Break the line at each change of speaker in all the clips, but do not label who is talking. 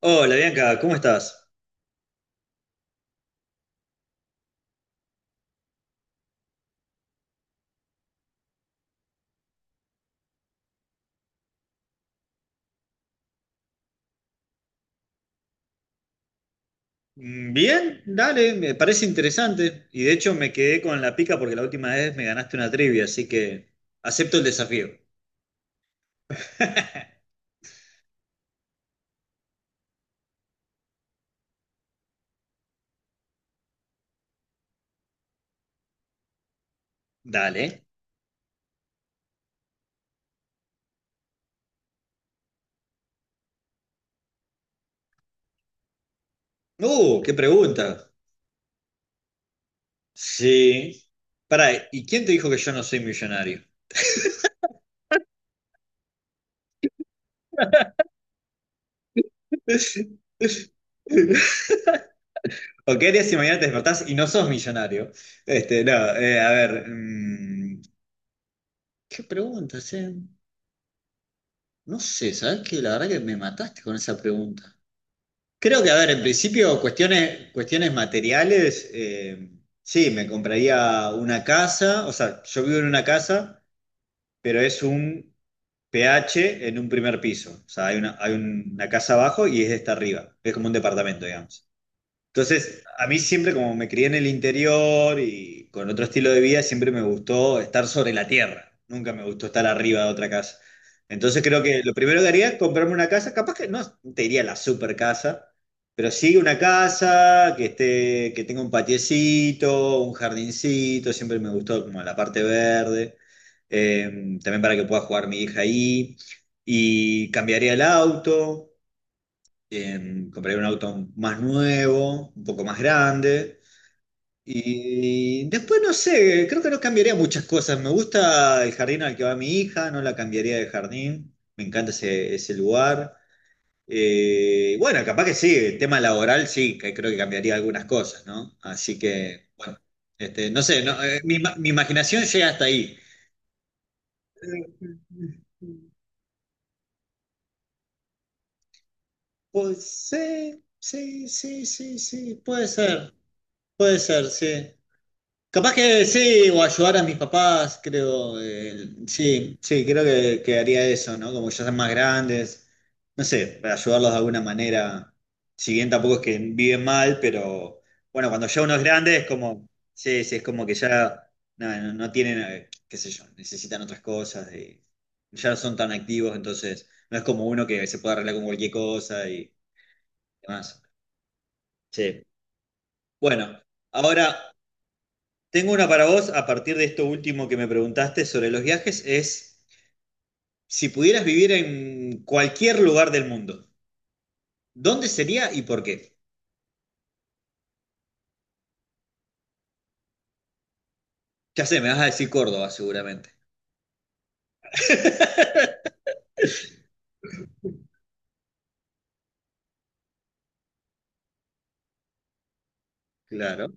Hola Bianca, ¿cómo estás? Bien, dale, me parece interesante. Y de hecho me quedé con la pica porque la última vez me ganaste una trivia, así que acepto el desafío. Dale. Qué pregunta. Sí. Pará, ¿y quién te dijo que yo no soy millonario? ¿O qué harías si mañana te despertás y no sos millonario? Este, no, a ver, ¿qué preguntas, eh? No sé, ¿sabes qué? La verdad que me mataste con esa pregunta. Creo que, a ver, en principio, cuestiones, cuestiones materiales, sí, me compraría una casa, o sea, yo vivo en una casa, pero es un PH en un primer piso, o sea, hay una casa abajo y es esta arriba, es como un departamento, digamos. Entonces, a mí siempre, como me crié en el interior y con otro estilo de vida, siempre me gustó estar sobre la tierra. Nunca me gustó estar arriba de otra casa. Entonces, creo que lo primero que haría es comprarme una casa. Capaz que no te diría la super casa, pero sí una casa que esté, que tenga un patiecito, un jardincito. Siempre me gustó como la parte verde. Eh, También para que pueda jugar mi hija ahí. Y cambiaría el auto, compraría un auto más nuevo, un poco más grande. Y después no sé, creo que no cambiaría muchas cosas. Me gusta el jardín al que va mi hija, no la cambiaría de jardín. Me encanta ese lugar. Bueno, capaz que sí, el tema laboral sí, que creo que cambiaría algunas cosas, ¿no? Así que, bueno, este, no sé, no, mi imaginación llega hasta ahí. Eh, Pues sí, sí, sí, sí, sí, puede ser, sí. Capaz que sí, o ayudar a mis papás, creo. Sí, sí, creo que haría eso, ¿no? Como ya son más grandes, no sé, para ayudarlos de alguna manera. Si bien tampoco es que viven mal, pero bueno, cuando ya uno es grande es como, sí, sí, es como que ya nada, no, no tienen, qué sé yo, necesitan otras cosas, y ya no son tan activos, entonces no es como uno que se puede arreglar con cualquier cosa y demás. Sí. Bueno, ahora. Tengo una para vos a partir de esto último que me preguntaste sobre los viajes, es si pudieras vivir en cualquier lugar del mundo, ¿dónde sería y por qué? Ya sé, me vas a decir Córdoba seguramente. Claro.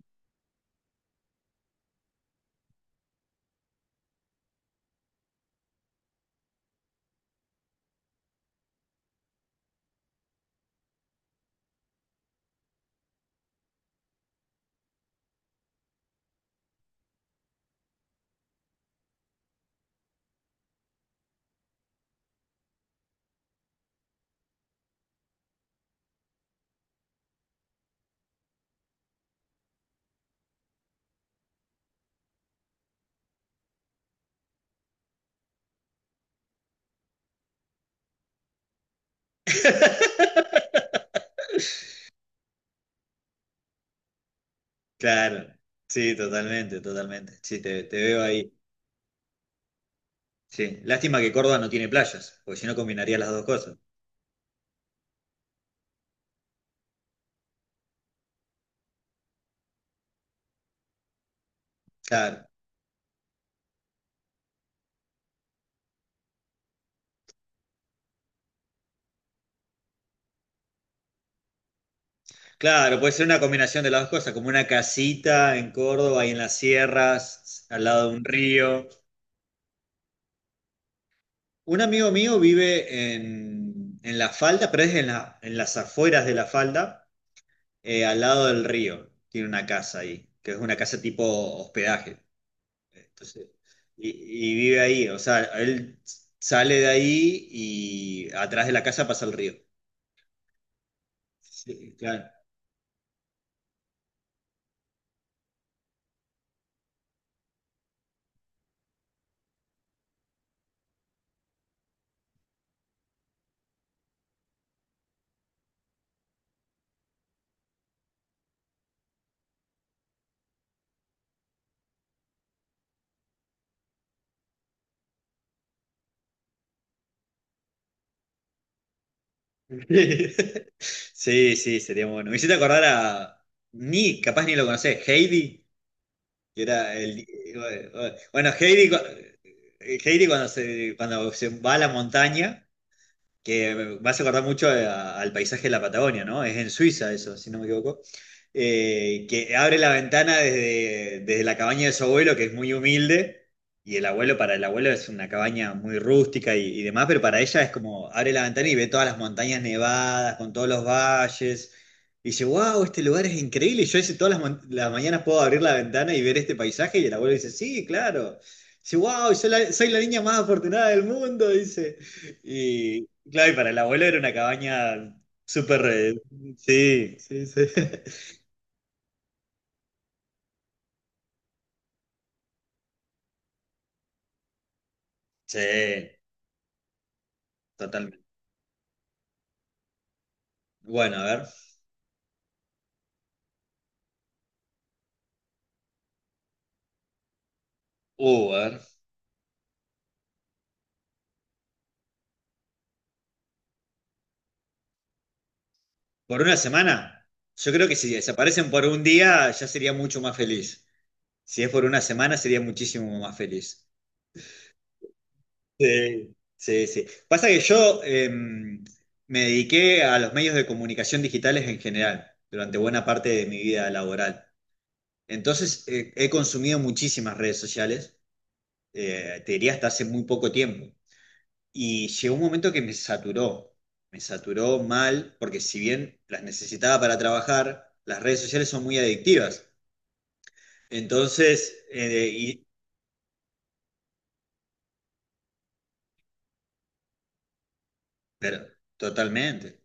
Claro. Sí, totalmente, totalmente. Sí, te veo ahí. Sí. Lástima que Córdoba no tiene playas, porque si no combinaría las dos cosas. Claro. Claro, puede ser una combinación de las dos cosas, como una casita en Córdoba y en las sierras, al lado de un río. Un amigo mío vive en La Falda, pero es en las afueras de La Falda, al lado del río. Tiene una casa ahí, que es una casa tipo hospedaje. Entonces, y vive ahí, o sea, él sale de ahí y atrás de la casa pasa el río. Sí, claro. Sí, sí, sería bueno. Me hiciste acordar ni, capaz ni lo conocés, Heidi. Era bueno, Heidi, Heidi cuando se va a la montaña que me hace acordar mucho al paisaje de la Patagonia, ¿no? Es en Suiza eso, si no me equivoco. Que abre la ventana desde la cabaña de su abuelo, que es muy humilde, y el abuelo, para el abuelo es una cabaña muy rústica y demás, pero para ella es como abre la ventana y ve todas las montañas nevadas, con todos los valles, y dice, wow, este lugar es increíble, y yo dice, todas las mañanas puedo abrir la ventana y ver este paisaje, y el abuelo dice, sí, claro. Dice, wow, soy la niña más afortunada del mundo, dice. Y, Claro, y para el abuelo era una cabaña súper. Sí, sí, sí. Sí, totalmente. Bueno, a ver. A ver. ¿Por una semana? Yo creo que si desaparecen por un día, ya sería mucho más feliz. Si es por una semana, sería muchísimo más feliz. Sí, sí, sí. Pasa que yo me dediqué a los medios de comunicación digitales en general durante buena parte de mi vida laboral. Entonces, he consumido muchísimas redes sociales. Te diría hasta hace muy poco tiempo. Y llegó un momento que me saturó mal, porque si bien las necesitaba para trabajar, las redes sociales son muy adictivas. Entonces, pero, totalmente.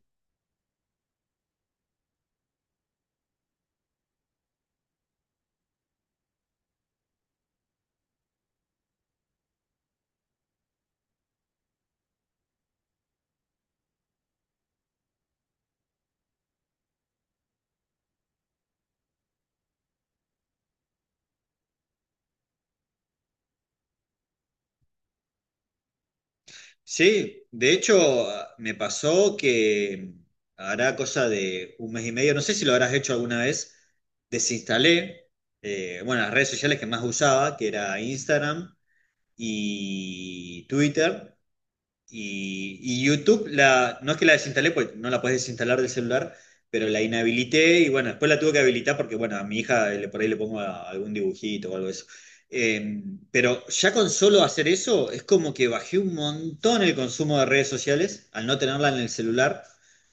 Sí, de hecho, me pasó que hará cosa de un mes y medio, no sé si lo habrás hecho alguna vez, desinstalé, bueno, las redes sociales que más usaba, que era Instagram y Twitter. Y YouTube, no es que la desinstalé, pues no la puedes desinstalar del celular, pero la inhabilité y bueno, después la tuve que habilitar porque bueno, a mi hija por ahí le pongo algún dibujito o algo de eso. Eh, pero ya con solo hacer eso, es como que bajé un montón el consumo de redes sociales al no tenerla en el celular.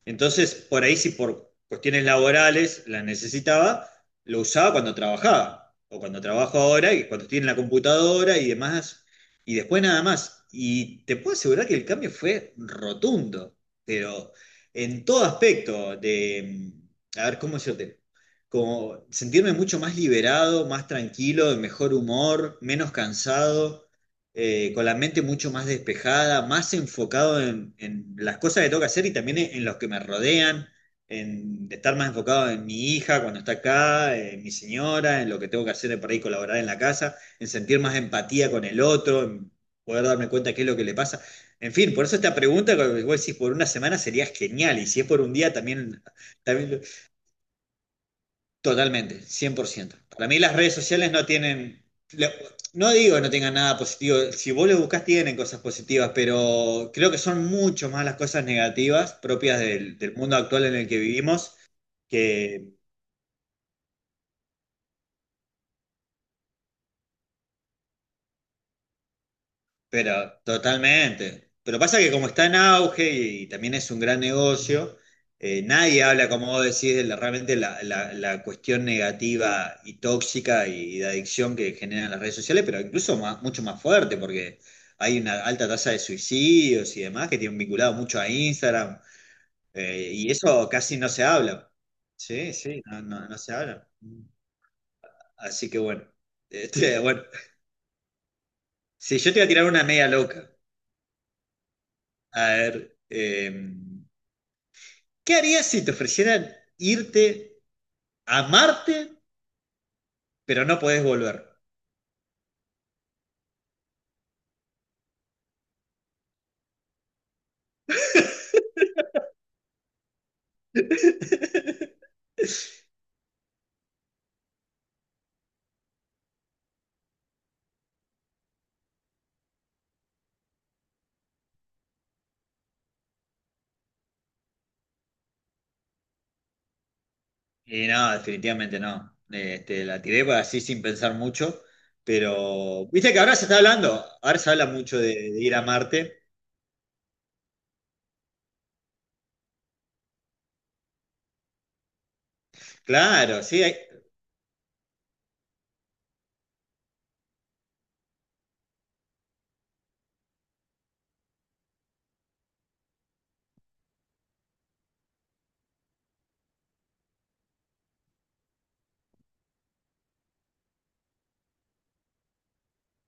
Entonces, por ahí si por cuestiones laborales la necesitaba, lo usaba cuando trabajaba o cuando trabajo ahora y cuando estoy en la computadora y demás y después nada más. Y te puedo asegurar que el cambio fue rotundo, pero en todo aspecto de, a ver, ¿cómo yo te? Como sentirme mucho más liberado, más tranquilo, de mejor humor, menos cansado, con la mente mucho más despejada, más enfocado en las cosas que tengo que hacer y también en los que me rodean, en estar más enfocado en mi hija cuando está acá, en mi señora, en lo que tengo que hacer para ir colaborar en la casa en sentir más empatía con el otro, en poder darme cuenta qué es lo que le pasa. En fin, por eso esta pregunta, cuando vos decís, por una semana sería genial, y si es por un día también, también totalmente, 100%. Para mí las redes sociales no tienen, lo- no digo que no tengan nada positivo, si vos lo buscás tienen cosas positivas, pero creo que son mucho más las cosas negativas propias del mundo actual en el que vivimos, que Pero totalmente. Pero pasa que como está en auge también es un gran negocio, nadie habla, como vos decís, realmente la cuestión negativa y tóxica de adicción que generan las redes sociales, pero mucho más fuerte, porque hay una alta tasa de suicidios y demás que tienen vinculado mucho a Instagram, y eso casi no se habla. Sí, sí, no, no, no se habla. Así que bueno, este, bueno, si yo te voy a tirar una media loca, a ver. ¿Qué harías si te ofrecieran irte a Marte, pero no podés volver? Y no, definitivamente no. Este, la tiré para así sin pensar mucho, pero viste que ahora se está hablando, ahora se habla mucho de ir a Marte. Claro, sí,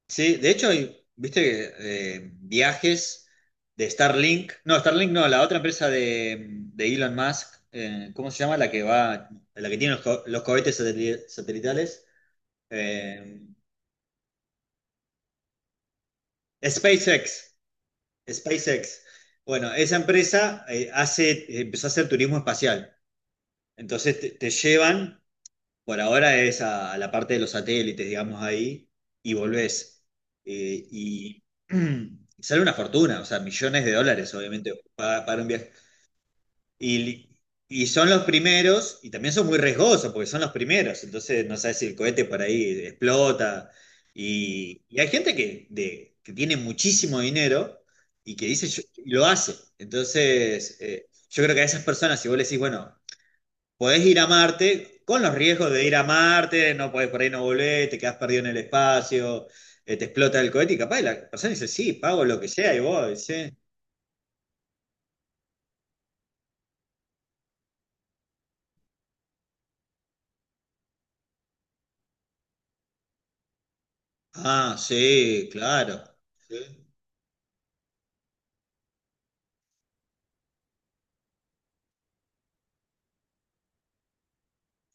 sí. De hecho, viste que viajes de Starlink no, la otra empresa de Elon Musk, ¿cómo se llama? La que tiene los cohetes satelitales, eh, SpaceX. SpaceX. Bueno, esa empresa empezó a hacer turismo espacial. Entonces te llevan, por ahora es a la parte de los satélites, digamos ahí, y volvés. Y sale una fortuna, o sea, millones de dólares, obviamente, un viaje y, y son los primeros, y también son muy riesgosos porque son los primeros, entonces no sabes si el cohete por ahí explota. Y hay gente que tiene muchísimo dinero y que dice, y lo hace. Entonces, yo creo que a esas personas, si vos le decís, bueno, podés ir a Marte, con los riesgos de ir a Marte, no podés por ahí no volver, te quedás perdido en el espacio, te explota el cohete, y capaz la persona dice, sí, pago lo que sea, y vos decís, ah, sí, claro. Sí.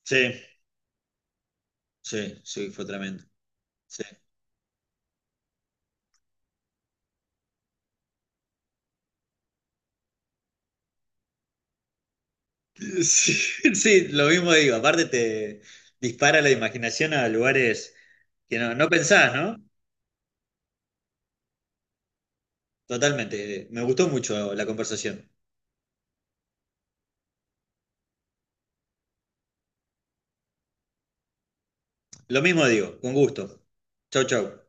Sí. Sí, sí, fue tremendo. Sí. Sí, sí, lo mismo digo. Aparte te dispara la imaginación a lugares que no, no pensás, ¿no? Totalmente. Me gustó mucho la conversación. Lo mismo digo, con gusto. Chau, chau.